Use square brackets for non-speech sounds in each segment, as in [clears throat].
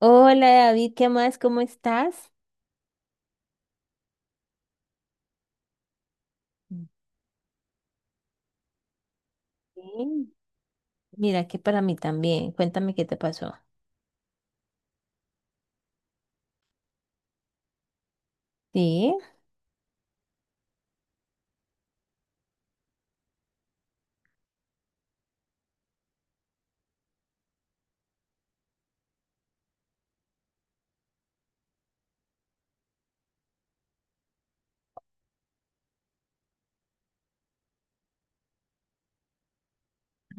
Hola David, ¿qué más? ¿Cómo estás? Bien. Mira que para mí también. Cuéntame qué te pasó. ¿Sí?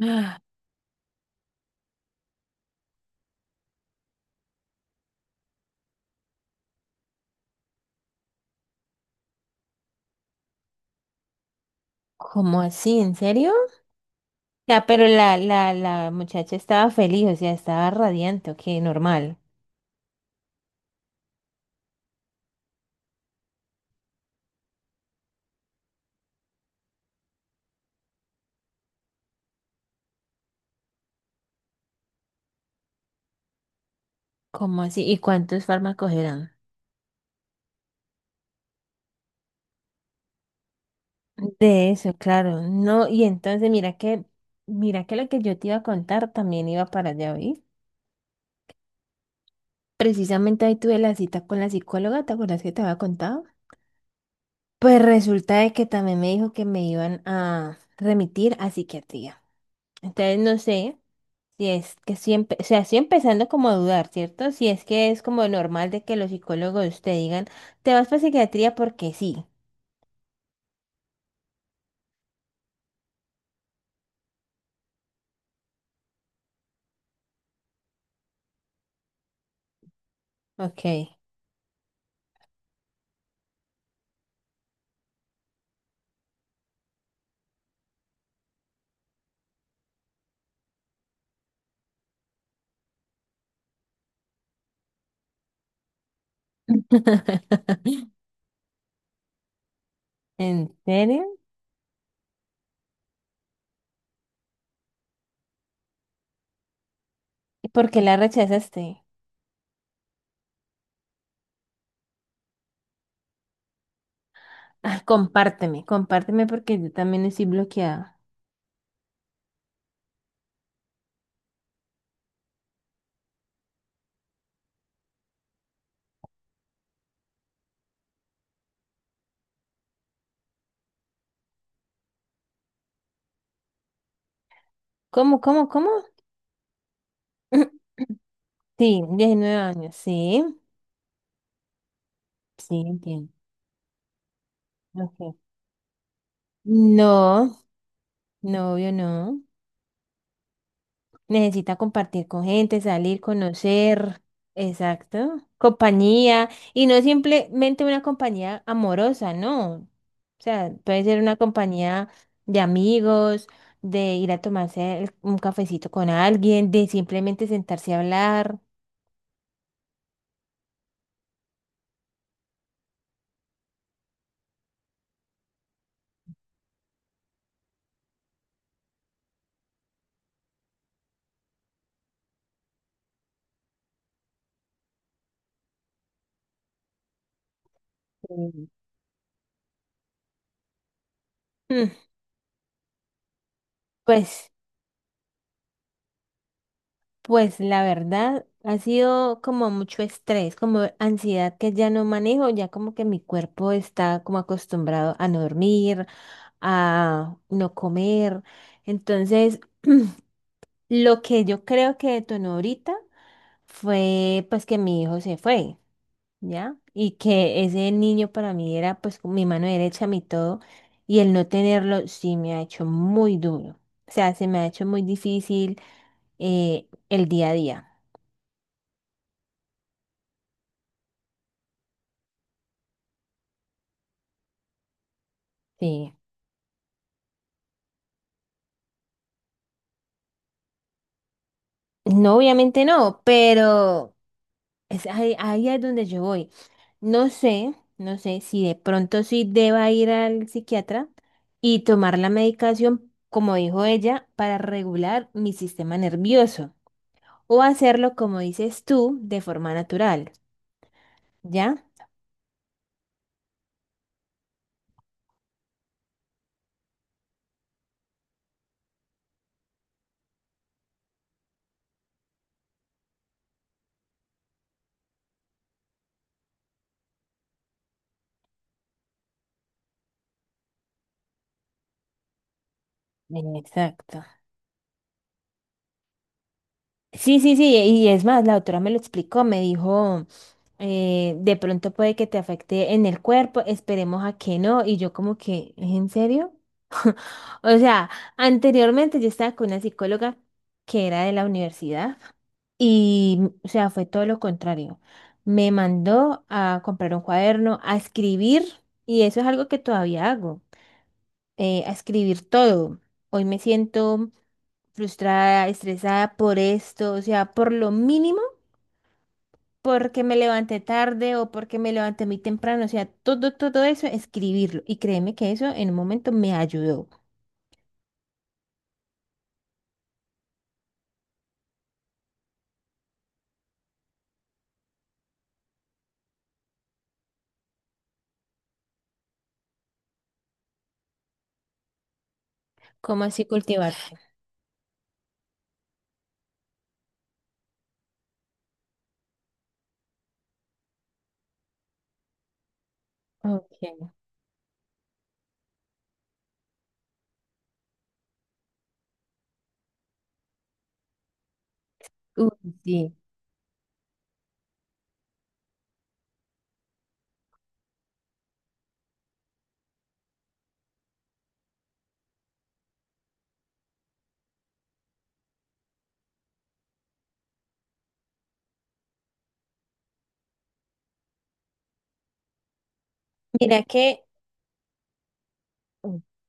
Ah. ¿Cómo así? ¿En serio? Ya, pero la muchacha estaba feliz, o sea, estaba radiante, ok, normal. ¿Cómo así? ¿Y cuántos fármacos eran? De eso, claro. No, y entonces mira que lo que yo te iba a contar también iba para allá, ¿vi? Precisamente ahí tuve la cita con la psicóloga, ¿te acuerdas que te había contado? Pues resulta de que también me dijo que me iban a remitir a psiquiatría. Entonces no sé si es que siempre, o sea, estoy empezando como a dudar, ¿cierto? Si es que es como normal de que los psicólogos te digan, te vas para psiquiatría porque sí. Ok. [laughs] ¿En serio? ¿Y por qué la rechazaste? Ah, compárteme, compárteme porque yo también estoy bloqueada. ¿Cómo, cómo, cómo? [clears throat] Sí, 19 años, sí, sí, entiendo. Okay. No, no, obvio no. Necesita compartir con gente, salir, conocer, exacto, compañía, y no simplemente una compañía amorosa, no. O sea, puede ser una compañía de amigos, de ir a tomarse un cafecito con alguien, de simplemente sentarse a hablar. Sí. Mm. Pues, pues la verdad ha sido como mucho estrés, como ansiedad que ya no manejo, ya como que mi cuerpo está como acostumbrado a no dormir, a no comer. Entonces, lo que yo creo que detonó ahorita fue pues que mi hijo se fue, ¿ya? Y que ese niño para mí era pues como mi mano derecha, mi todo, y el no tenerlo sí me ha hecho muy duro. O sea, se me ha hecho muy difícil el día a día. Sí. No, obviamente no, pero es ahí, ahí es donde yo voy. No sé, no sé si de pronto sí deba ir al psiquiatra y tomar la medicación, como dijo ella, para regular mi sistema nervioso o hacerlo, como dices tú, de forma natural, ¿ya? Exacto. Sí, sí, sí, y es más, la doctora me lo explicó, me dijo, de pronto puede que te afecte en el cuerpo, esperemos a que no, y yo como que, ¿es en serio? O sea, anteriormente yo estaba con una psicóloga que era de la universidad. Y, o sea, fue todo lo contrario. Me mandó a comprar un cuaderno, a escribir, y eso es algo que todavía hago, a escribir todo. Hoy me siento frustrada, estresada por esto, o sea, por lo mínimo, porque me levanté tarde o porque me levanté muy temprano, o sea, todo, todo eso, escribirlo. Y créeme que eso en un momento me ayudó. ¿Cómo así cultivarse? Ok. Uy, sí. Mira que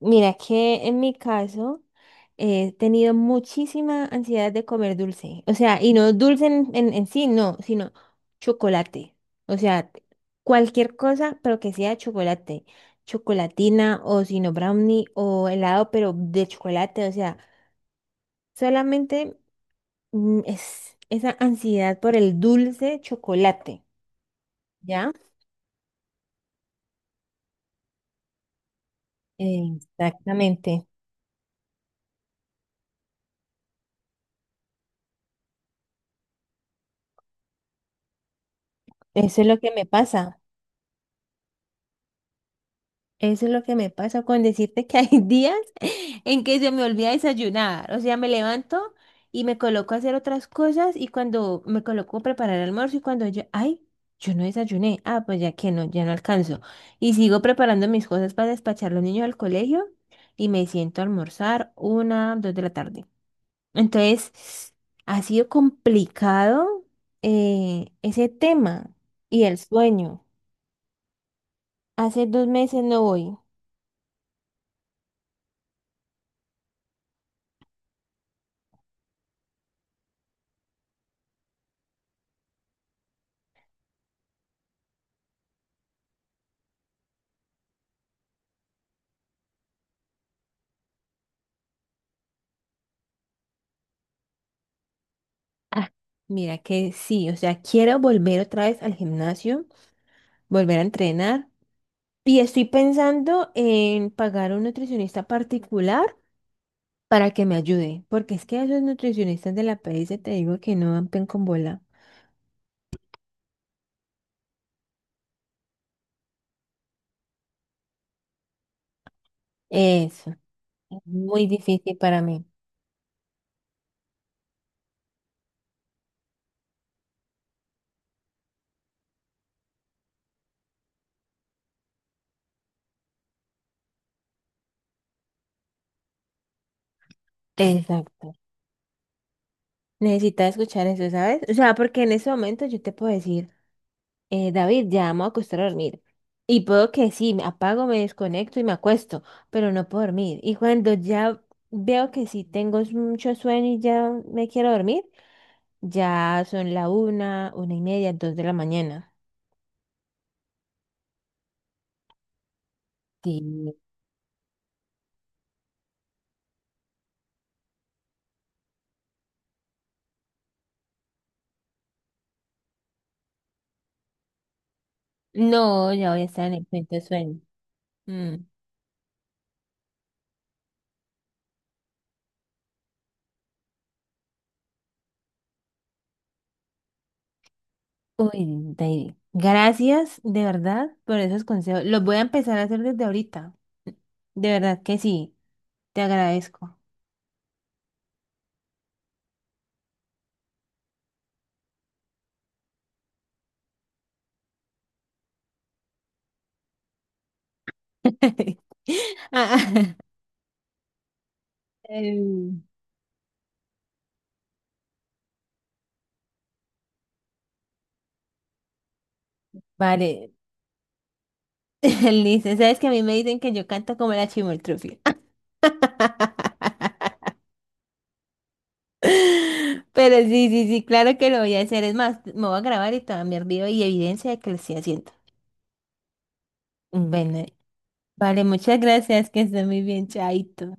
Mira que en mi caso he tenido muchísima ansiedad de comer dulce. O sea, y no dulce en sí, no, sino chocolate. O sea, cualquier cosa, pero que sea chocolate. Chocolatina o sino brownie o helado, pero de chocolate. O sea, solamente es esa ansiedad por el dulce chocolate. ¿Ya? Exactamente. Eso es lo que me pasa. Eso es lo que me pasa con decirte que hay [laughs] días en que se me olvida desayunar. O sea, me levanto y me coloco a hacer otras cosas y cuando me coloco a preparar el almuerzo y cuando yo, ay, yo no desayuné, ah, pues ya que no, ya no alcanzo. Y sigo preparando mis cosas para despachar a los niños al colegio y me siento a almorzar 1, 2 de la tarde. Entonces, ha sido complicado ese tema y el sueño. Hace 2 meses no voy. Ah. Mira que sí, o sea, quiero volver otra vez al gimnasio, volver a entrenar. Y estoy pensando en pagar a un nutricionista particular para que me ayude, porque es que a esos nutricionistas de la PS te digo que no dan pen con bola. Eso, es muy difícil para mí. Exacto. Necesitas escuchar eso, ¿sabes? O sea, porque en ese momento yo te puedo decir, David, ya vamos a acostar a dormir. Y puedo que sí, me apago, me desconecto y me acuesto, pero no puedo dormir. Y cuando ya veo que sí tengo mucho sueño y ya me quiero dormir, ya son la 1, 1 y media, 2 de la mañana. Sí. No, ya voy a estar en el cuento de sueño. Mm. Uy, David, gracias de verdad por esos consejos. Los voy a empezar a hacer desde ahorita. De verdad que sí, te agradezco. [laughs] Ah. em, Vale, [laughs] listo. Sabes que a mí me dicen que yo canto como la chimoltrufia. [laughs] Pero sí, sí, sí, claro que lo voy a hacer. Es más, me voy a grabar y te voy a enviar video y evidencia de que lo estoy haciendo. Bueno, vale, muchas gracias, que esté muy bien, chaito.